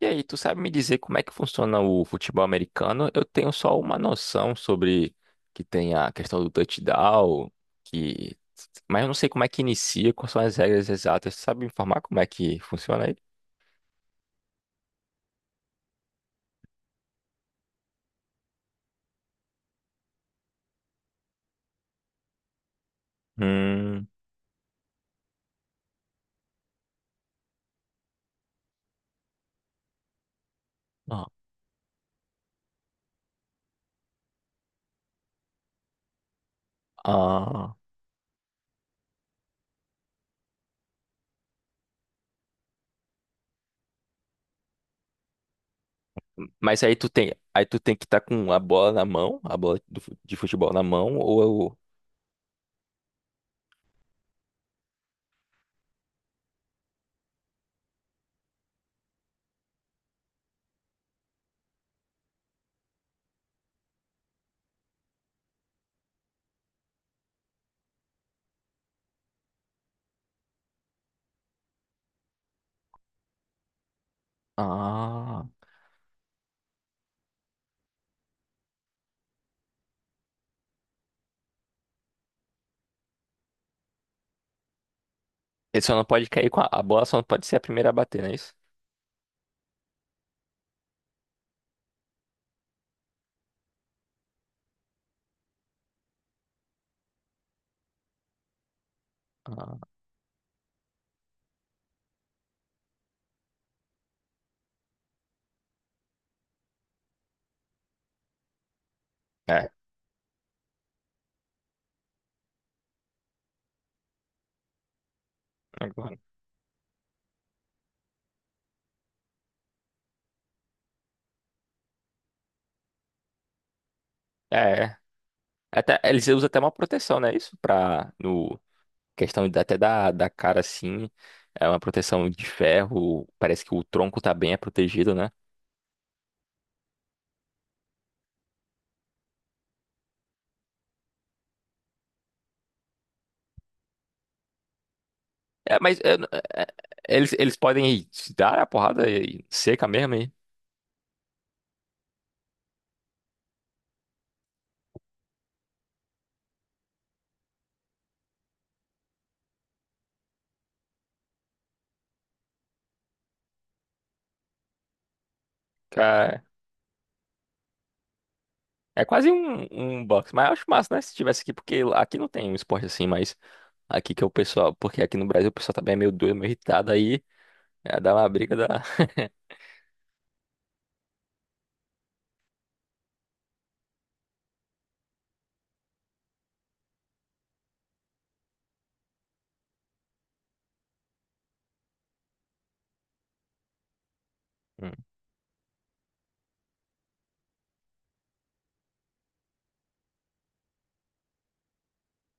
E aí, tu sabe me dizer como é que funciona o futebol americano? Eu tenho só uma noção sobre que tem a questão do touchdown, que... mas eu não sei como é que inicia, quais são as regras exatas. Tu sabe me informar como é que funciona aí? Hum. Ó. Ah, mas aí tu tem que estar com a bola na mão, a bola de futebol na mão, eu, ah, ele só não pode cair com a bola, só não pode ser a primeira a bater, não é isso? Ah, é, agora. É. Até, eles usam até uma proteção, né? Isso pra, no, até da cara, assim, é uma proteção de ferro, parece que o tronco tá bem é protegido, né? É, mas eu é, é, eles podem se dar a porrada seca mesmo aí. Cara, é quase um boxe, mas eu acho massa, né? Se tivesse aqui, porque aqui não tem um esporte assim, mas aqui que é o pessoal, porque aqui no Brasil o pessoal também é meio doido, meio irritado, aí é, dá uma briga. Hum.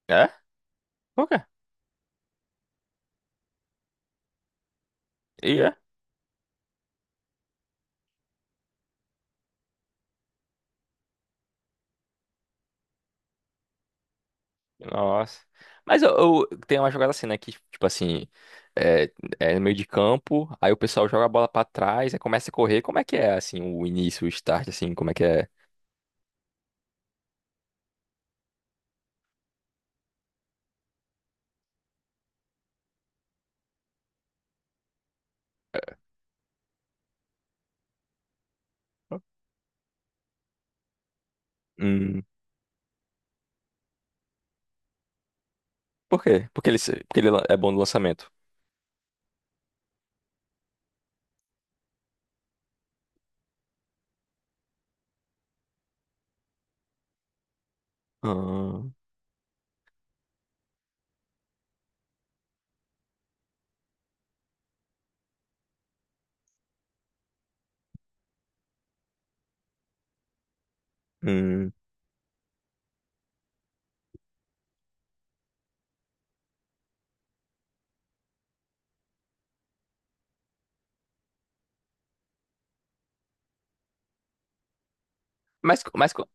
É? Por quê? E é? Nossa. Mas eu, Tem uma jogada assim, né? Que, tipo assim, é, é no meio de campo, aí o pessoal joga a bola pra trás, aí começa a correr. Como é que é, assim, o início, o start, assim, como é que é? Hum, por quê? Porque ele é bom no lançamento. Ah, hum. Mas, co- mas, co-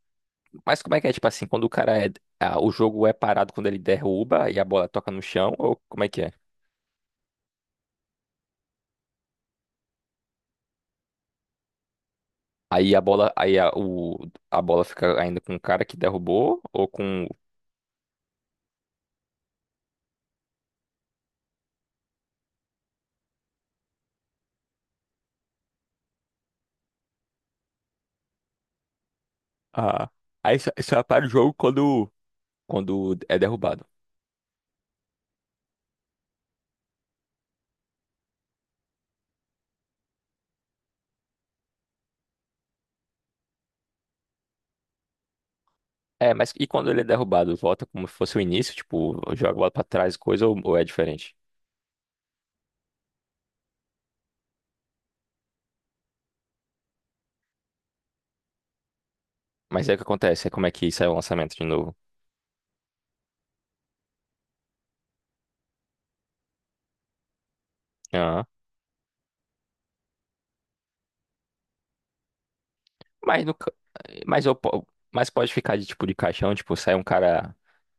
mas como é que é, tipo assim, quando o cara é. Ah, o jogo é parado quando ele derruba e a bola toca no chão, ou como é que é? Aí a bola, aí a, o, A bola fica ainda com o cara que derrubou, ou com. Ah, aí só para o jogo quando é derrubado. É, mas e quando ele é derrubado? Volta como se fosse o início? Tipo, joga a bola pra trás e coisa ou é diferente? Mas aí o que acontece? É como é que sai o lançamento de novo? Ah, mas, no, ca- mas, eu, po- mas pode ficar de tipo de caixão, tipo, sai um cara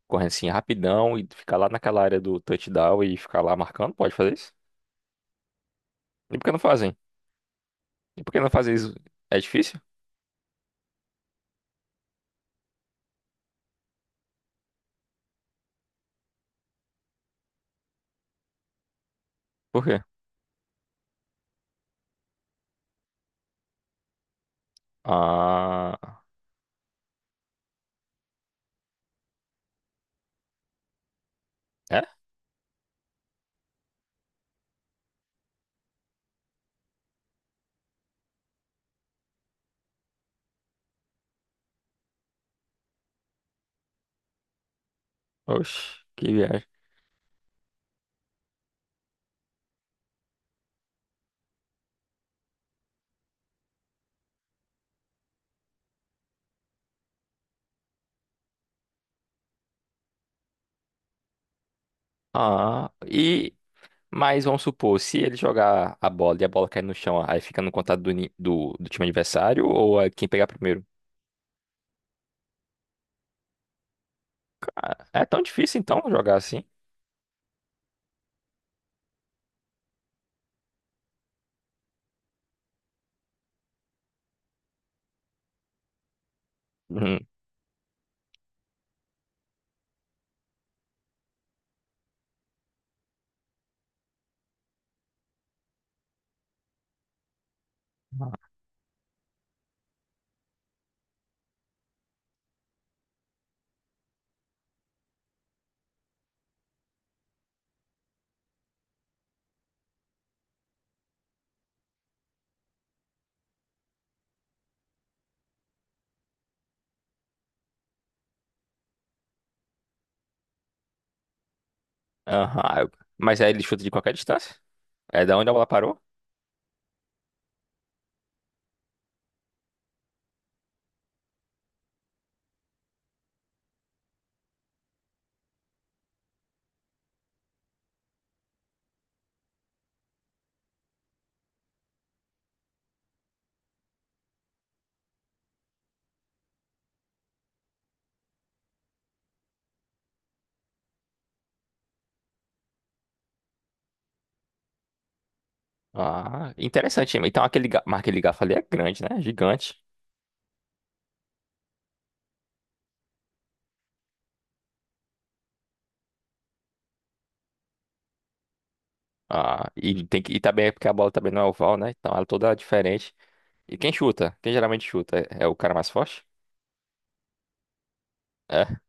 correndo assim rapidão e ficar lá naquela área do touchdown e ficar lá marcando? Pode fazer isso? E por que não fazem? E por que não fazer isso? É difícil? Por quê? Ah, é? Oxe, que viagem. Ah, mas vamos supor, se ele jogar a bola e a bola cair no chão, aí fica no contato do time adversário ou é quem pegar primeiro? Ah, é tão difícil então jogar assim? Uhum. Aham. Mas aí ele chuta de qualquer distância? É da onde a bola parou? Ah, interessante. Então aquele, ga- mas aquele garfo ali é grande, né? Gigante. Ah, e também é porque a bola também não é oval, né? Então ela é toda diferente. E quem chuta? Quem geralmente chuta? É o cara mais forte? É.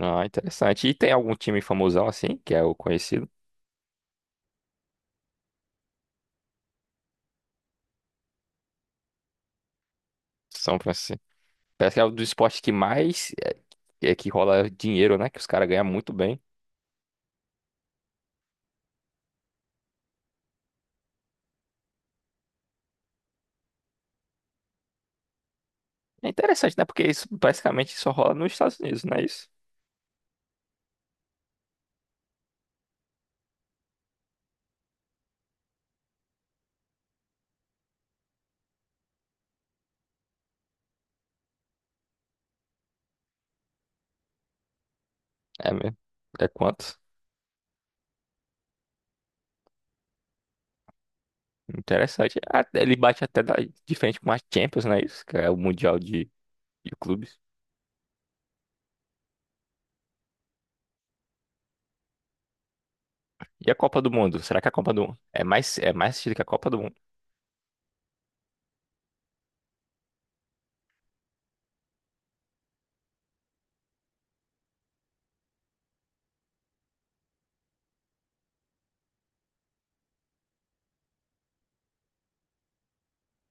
Ah, interessante. E tem algum time famosão assim, que é o conhecido? São Francisco. Parece que é o do esporte que mais é que rola dinheiro, né? Que os caras ganham muito bem. É interessante, né? Porque isso basicamente só rola nos Estados Unidos, não é isso? É mesmo. É quanto? Interessante. Ah, ele bate até de frente com a Champions, não é isso? Que é o Mundial de Clubes. E a Copa do Mundo? Será que a Copa do Mundo é mais assistida que a Copa do Mundo?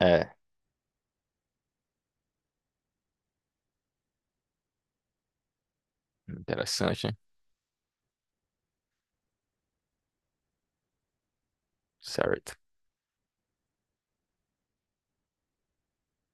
É, interessante, hein? Certo.